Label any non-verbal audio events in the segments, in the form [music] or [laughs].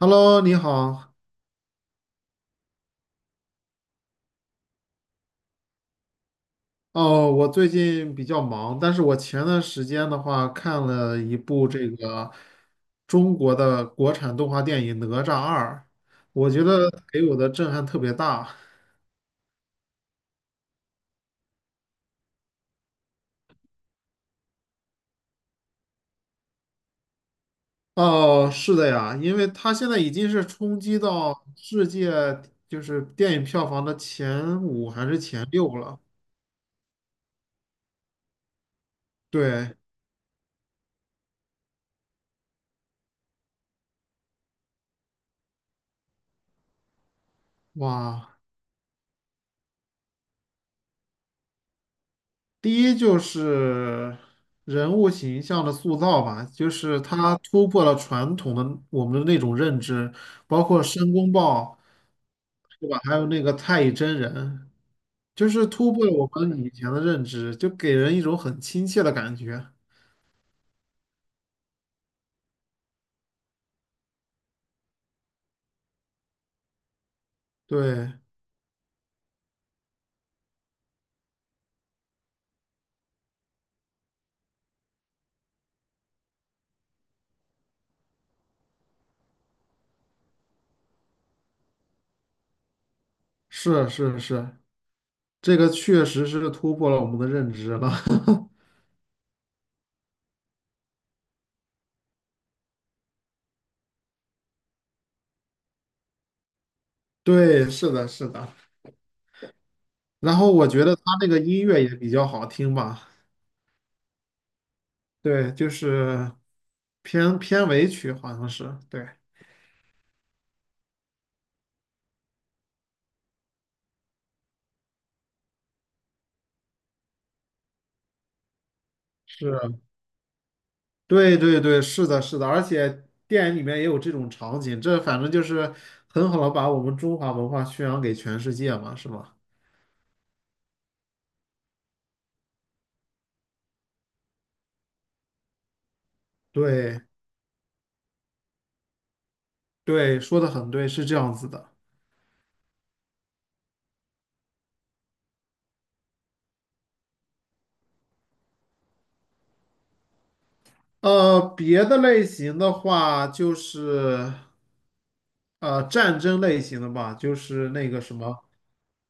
Hello，你好。哦，我最近比较忙，但是我前段时间的话看了一部中国的国产动画电影《哪吒二》，我觉得给我的震撼特别大。哦，是的呀，因为它现在已经是冲击到世界电影票房的前五还是前六了。对，哇。第一就是人物形象的塑造吧，就是它突破了传统的我们的那种认知，包括申公豹，对吧？还有那个太乙真人，就是突破了我们以前的认知，就给人一种很亲切的感觉。对，是是是，这个确实是突破了我们的认知了。[laughs] 对，是的，是的。然后我觉得他那个音乐也比较好听吧。对，就是片尾曲，好像是，对，是，对对对，是的，是的，而且电影里面也有这种场景，这反正就是很好的把我们中华文化宣扬给全世界嘛，是吧？对对，说的很对，是这样子的。别的类型的话，就是战争类型的吧，就是那个什么，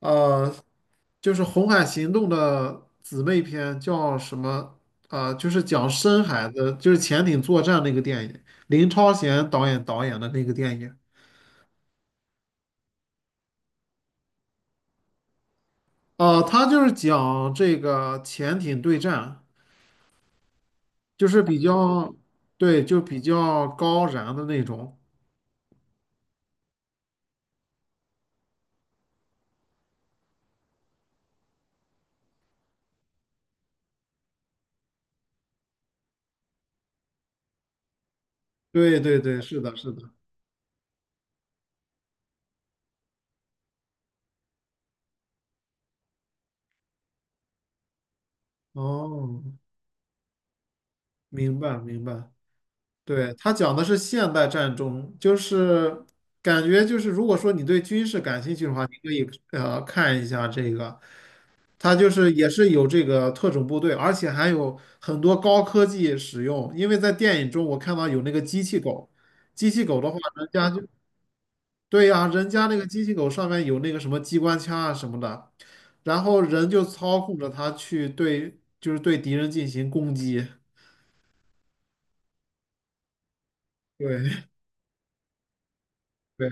呃。就是《红海行动》的姊妹篇，叫什么？就是讲深海的，就是潜艇作战那个电影，林超贤导演的那个电影。他就是讲这个潜艇对战，就是比较，对，就比较高燃的那种。对对对，是的，是的。哦，明白明白。对，他讲的是现代战争，就是感觉就是，如果说你对军事感兴趣的话，你可以看一下这个。它就是也是有这个特种部队，而且还有很多高科技使用。因为在电影中我看到有那个机器狗，机器狗的话，人家就对呀、人家那个机器狗上面有那个什么机关枪啊什么的，然后人就操控着它去对，就是对敌人进行攻击。对 [laughs] 对，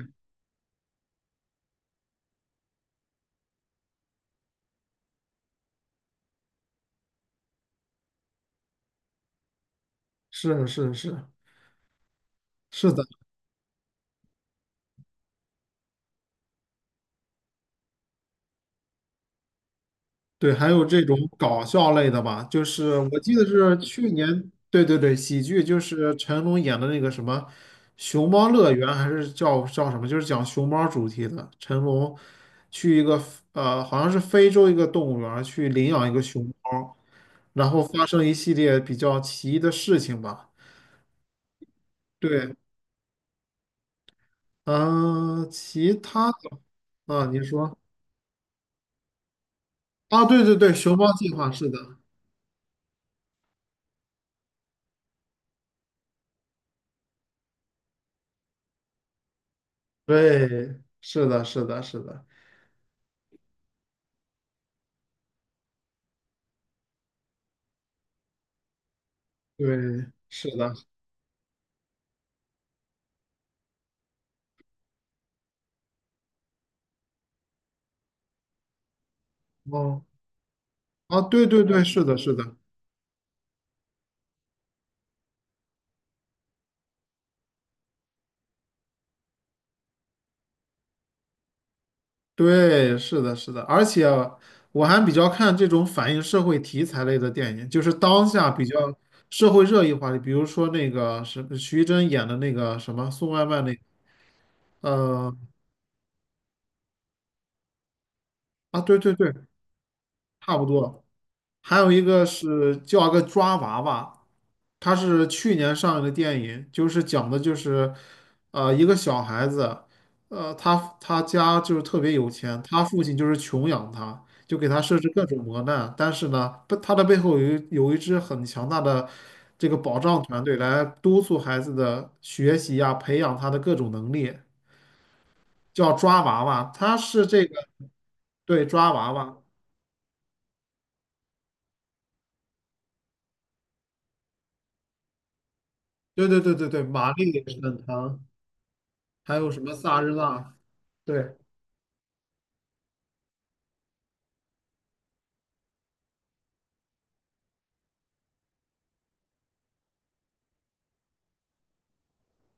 是是是是的。对，还有这种搞笑类的吧，就是我记得是去年，对对对，喜剧就是成龙演的那个什么《熊猫乐园》，还是叫什么，就是讲熊猫主题的。成龙去一个好像是非洲一个动物园儿去领养一个熊猫，然后发生一系列比较奇异的事情吧。对，嗯、其他的啊，你说啊，对对对，熊猫计划是的，对，是的，是的，是的，对，是的。哦，啊，对对对，是的，是的，对，是的，是的，而且我还比较看这种反映社会题材类的电影，就是当下比较社会热议话题，比如说那个是徐峥演的那个什么送外卖那个，呃，啊，对对对，差不多。还有一个是叫个抓娃娃，它是去年上映的电影，就是讲的就是，一个小孩子，他家就是特别有钱，他父亲就是穷养他，就给他设置各种磨难，但是呢，不他的背后有一支很强大的这个保障团队来督促孩子的学习呀、培养他的各种能力，叫抓娃娃，他是这个，对，抓娃娃，对对对对对，玛丽也是很疼。还有什么萨日纳？对，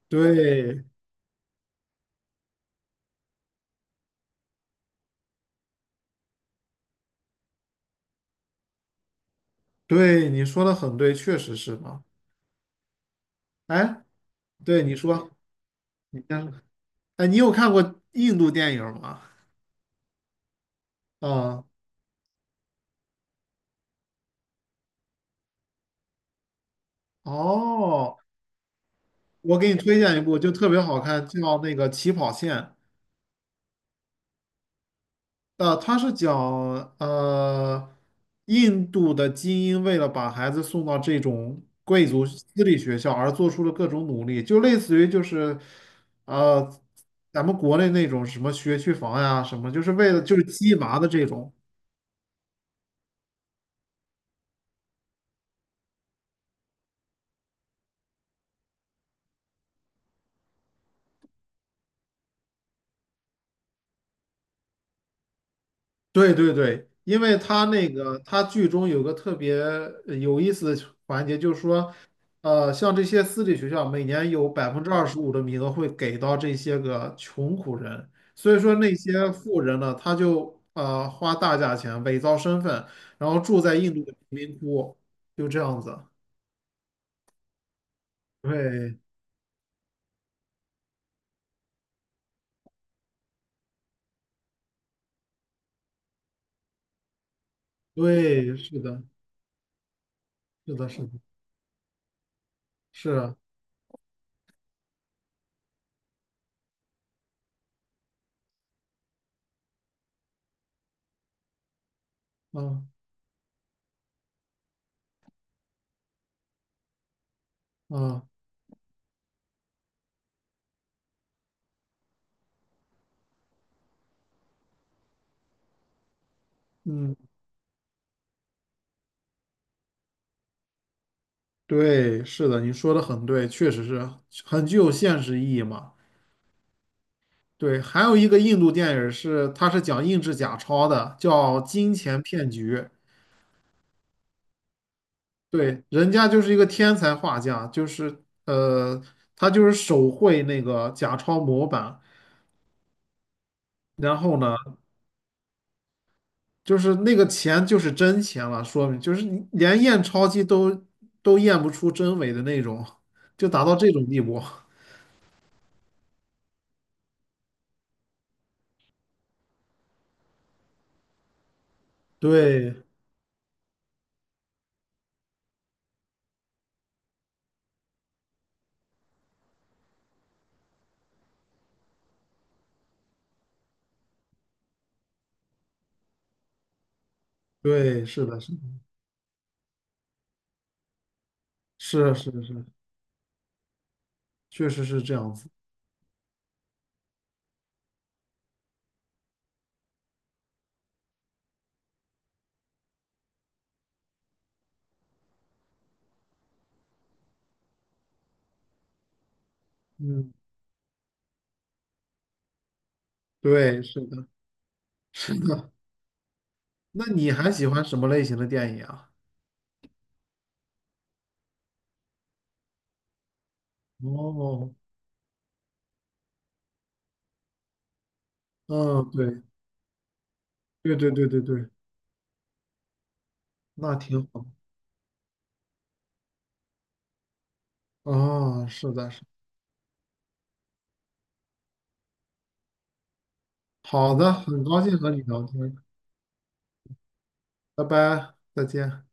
对对，你说的很对，确实是嘛。哎，对你说，你先说。哎，你有看过印度电影吗？啊、哦，我给你推荐一部，就特别好看，叫那个《起跑线》。他是讲呃，印度的精英为了把孩子送到这种贵族私立学校而做出了各种努力，就类似于就是呃，咱们国内那种什么学区房呀，什么就是为了就是鸡娃的这种。对对对，因为他那个他剧中有个特别有意思的环节，就是说，像这些私立学校每年有25%的名额会给到这些个穷苦人，所以说那些富人呢，他就花大价钱伪造身份，然后住在印度的贫民窟，就这样子。对对，是的，是的，是的，是啊，啊啊，嗯，对，是的，你说的很对，确实是很具有现实意义嘛。对，还有一个印度电影是，他是讲印制假钞的，叫《金钱骗局》。对，人家就是一个天才画家，就是他就是手绘那个假钞模板，然后呢，就是那个钱就是真钱了，说明就是你连验钞机都验不出真伪的那种，就达到这种地步。[laughs] 对，对，是的，是的，是是是，确实是这样子。嗯，对，是的，[laughs] 是的，那你还喜欢什么类型的电影啊？哦，嗯，对，对对对对对，那挺好。啊，是的，是的好的，很高兴和你聊天，拜拜，再见。